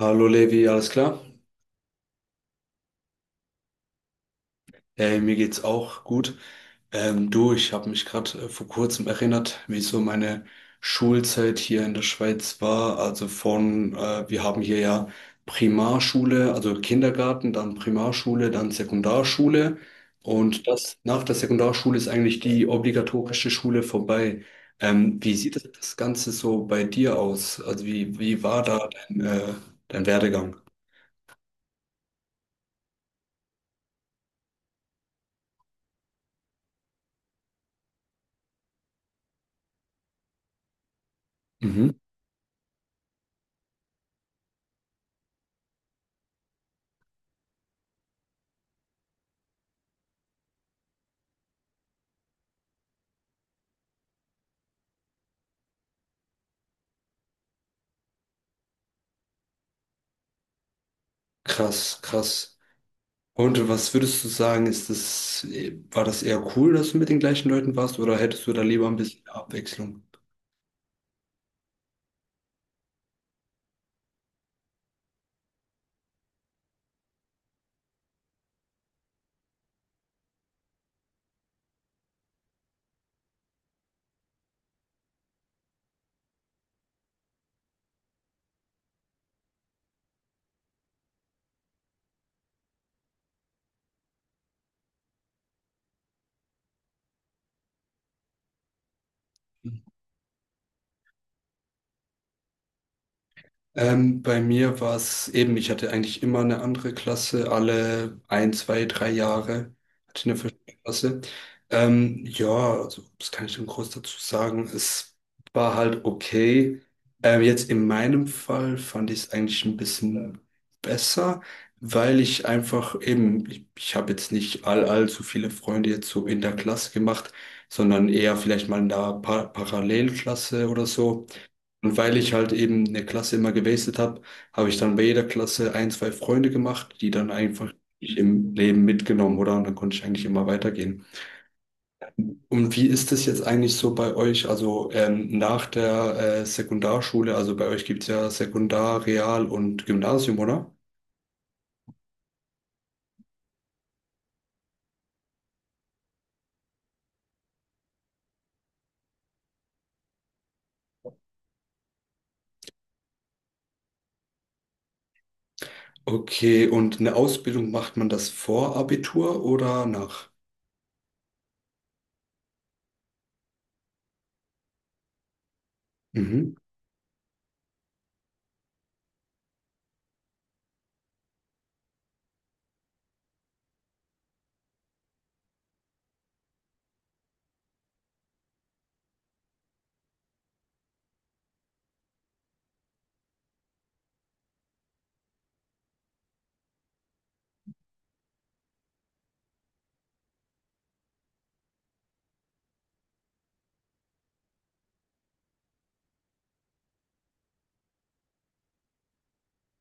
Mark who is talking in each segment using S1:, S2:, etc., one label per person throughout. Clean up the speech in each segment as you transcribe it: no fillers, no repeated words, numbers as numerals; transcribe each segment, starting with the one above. S1: Hallo Levi, alles klar? Mir geht's auch gut. Du, ich habe mich gerade vor kurzem erinnert, wie so meine Schulzeit hier in der Schweiz war. Also wir haben hier ja Primarschule, also Kindergarten, dann Primarschule, dann Sekundarschule. Und das nach der Sekundarschule ist eigentlich die obligatorische Schule vorbei. Wie sieht das Ganze so bei dir aus? Also wie war da dein Werdegang? Mhm. Krass, krass. Und was würdest du sagen, war das eher cool, dass du mit den gleichen Leuten warst, oder hättest du da lieber ein bisschen Abwechslung? Bei mir war es eben, ich hatte eigentlich immer eine andere Klasse, alle 1, 2, 3 Jahre hatte ich eine verschiedene Klasse. Ja, also, was kann ich denn groß dazu sagen? Es war halt okay. Jetzt in meinem Fall fand ich es eigentlich ein bisschen besser, weil ich einfach eben, ich habe jetzt nicht allzu viele Freunde jetzt so in der Klasse gemacht, sondern eher vielleicht mal in der pa Parallelklasse oder so. Und weil ich halt eben eine Klasse immer gewastet habe, habe ich dann bei jeder Klasse ein, zwei Freunde gemacht, die dann einfach mich im Leben mitgenommen, oder? Und dann konnte ich eigentlich immer weitergehen. Und wie ist das jetzt eigentlich so bei euch? Also nach der Sekundarschule, also bei euch gibt's ja Sekundar, Real und Gymnasium, oder? Okay, und eine Ausbildung macht man das vor Abitur oder nach? Mhm.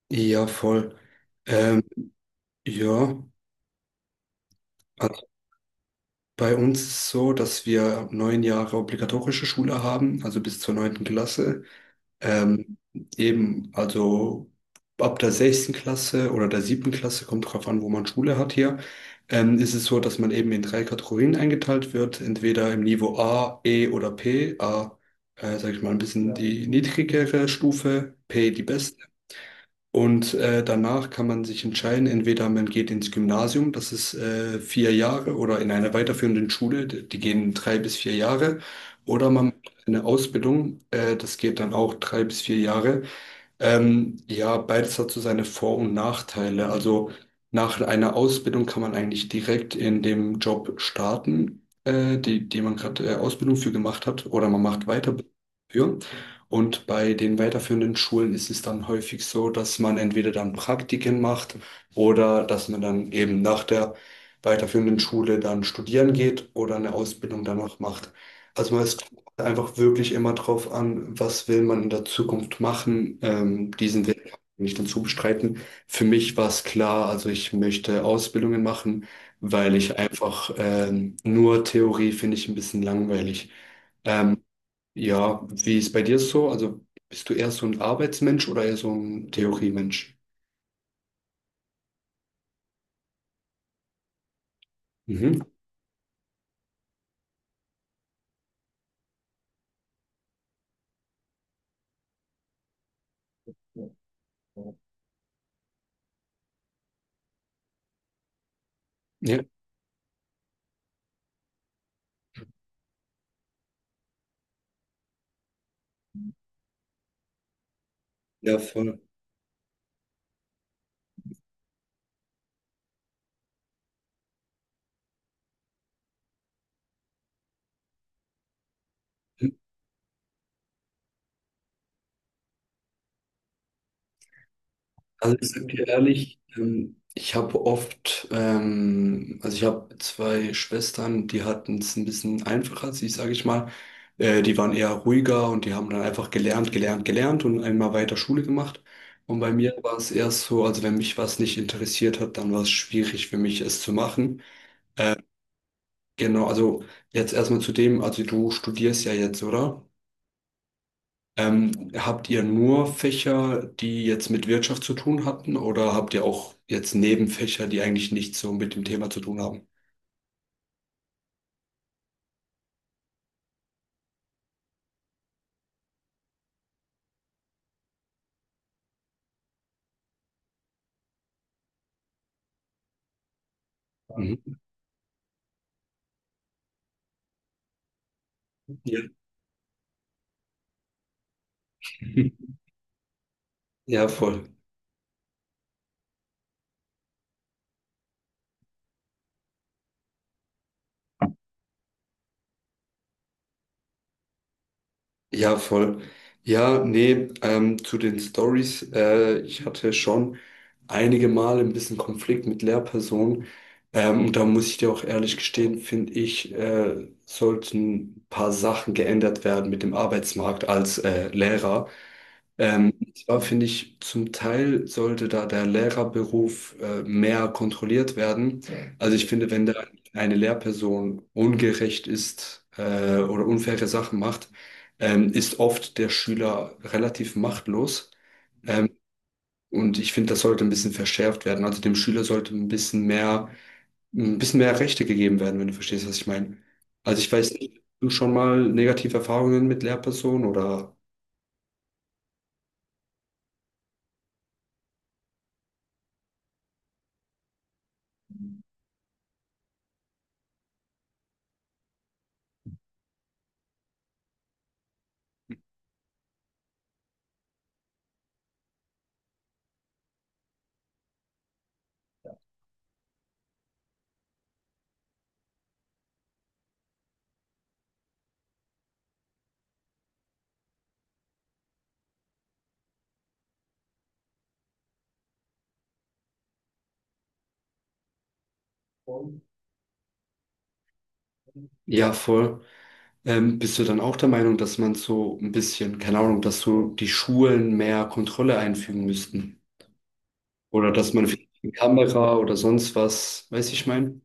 S1: Ja, voll. Ähm, ja. Bei uns ist es so, dass wir 9 Jahre obligatorische Schule haben, also bis zur neunten Klasse. Ähm, eben, also ab der sechsten Klasse oder der siebten Klasse, kommt drauf an, wo man Schule hat hier, ist es so, dass man eben in drei Kategorien eingeteilt wird, entweder im Niveau A, E oder P. A, sag ich mal, ein bisschen ja, die niedrigere Stufe, P die beste. Und danach kann man sich entscheiden, entweder man geht ins Gymnasium, das ist 4 Jahre, oder in einer weiterführenden Schule, die gehen 3 bis 4 Jahre, oder man macht eine Ausbildung, das geht dann auch 3 bis 4 Jahre. Ja, beides hat so seine Vor- und Nachteile. Also nach einer Ausbildung kann man eigentlich direkt in dem Job starten, die man gerade Ausbildung für gemacht hat, oder man macht weiter für. Und bei den weiterführenden Schulen ist es dann häufig so, dass man entweder dann Praktiken macht oder dass man dann eben nach der weiterführenden Schule dann studieren geht oder eine Ausbildung danach macht. Also man ist einfach wirklich immer drauf an, was will man in der Zukunft machen. Diesen Weg kann ich nicht dazu bestreiten. Für mich war es klar, also ich möchte Ausbildungen machen, weil ich einfach nur Theorie finde ich ein bisschen langweilig. Ähm, ja, wie ist bei dir so? Also bist du eher so ein Arbeitsmensch oder eher so ein Theoriemensch? Mhm. Ja, ja, voll. Also ich sag dir ehrlich, ich habe oft, also ich habe zwei Schwestern, die hatten es ein bisschen einfacher, sie sage ich mal. Die waren eher ruhiger und die haben dann einfach gelernt, gelernt, gelernt und einmal weiter Schule gemacht. Und bei mir war es eher so, also wenn mich was nicht interessiert hat, dann war es schwierig für mich, es zu machen. Genau, also jetzt erstmal zu dem, also du studierst ja jetzt, oder? Habt ihr nur Fächer, die jetzt mit Wirtschaft zu tun hatten, oder habt ihr auch jetzt Nebenfächer, die eigentlich nichts so mit dem Thema zu tun haben? Mhm. Ja. Ja, voll. Ja, voll. Ja, nee, zu den Stories. Ich hatte schon einige Male ein bisschen Konflikt mit Lehrpersonen. Und da muss ich dir auch ehrlich gestehen, finde ich, sollten ein paar Sachen geändert werden mit dem Arbeitsmarkt als Lehrer. Zwar finde ich, zum Teil sollte da der Lehrerberuf mehr kontrolliert werden. Also ich finde, wenn da eine Lehrperson ungerecht ist oder unfaire Sachen macht, ist oft der Schüler relativ machtlos. Ähm, und ich finde, das sollte ein bisschen verschärft werden. Also dem Schüler sollte ein bisschen mehr Rechte gegeben werden, wenn du verstehst, was ich meine. Also ich weiß nicht, hast du schon mal negative Erfahrungen mit Lehrpersonen oder ja, voll. Bist du dann auch der Meinung, dass man so ein bisschen, keine Ahnung, dass so die Schulen mehr Kontrolle einfügen müssten? Oder dass man vielleicht eine Kamera oder sonst was, weiß ich mein?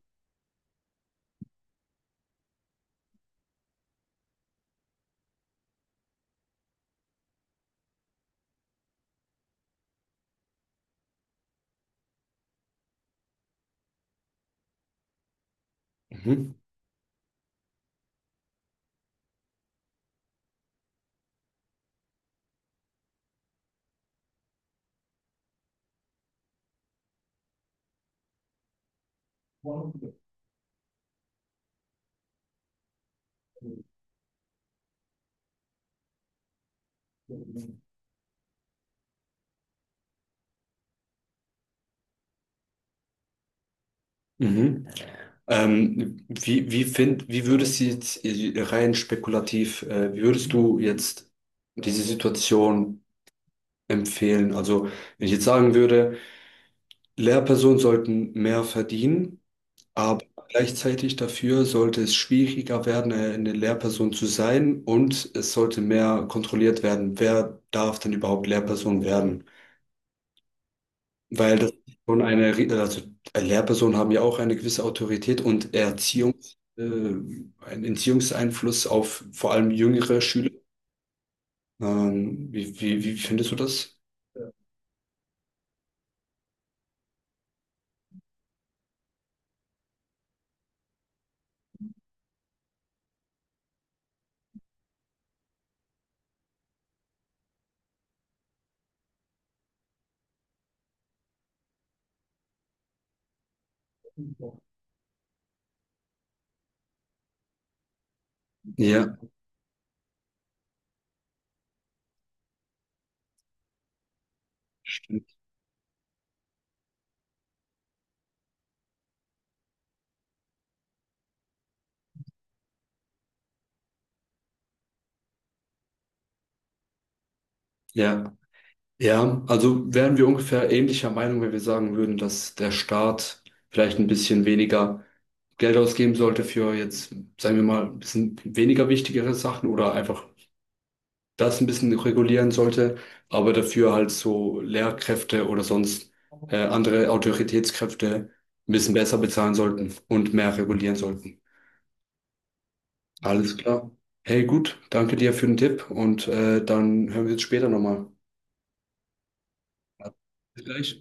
S1: Mhm. Mhm. Wie würdest du jetzt rein spekulativ, wie würdest du jetzt diese Situation empfehlen? Also, wenn ich jetzt sagen würde, Lehrpersonen sollten mehr verdienen, aber gleichzeitig dafür sollte es schwieriger werden, eine Lehrperson zu sein und es sollte mehr kontrolliert werden, wer darf denn überhaupt Lehrperson werden. Weil das ist schon eine, also Lehrpersonen haben ja auch eine gewisse Autorität und einen Erziehungseinfluss auf vor allem jüngere Schüler. Wie findest du das? Ja, stimmt. Ja. Ja, also wären wir ungefähr ähnlicher Meinung, wenn wir sagen würden, dass der Staat vielleicht ein bisschen weniger Geld ausgeben sollte für jetzt, sagen wir mal, ein bisschen weniger wichtigere Sachen oder einfach das ein bisschen regulieren sollte, aber dafür halt so Lehrkräfte oder sonst andere Autoritätskräfte ein bisschen besser bezahlen sollten und mehr regulieren sollten. Alles klar. Hey, gut, danke dir für den Tipp und dann hören wir uns später nochmal. Bis gleich.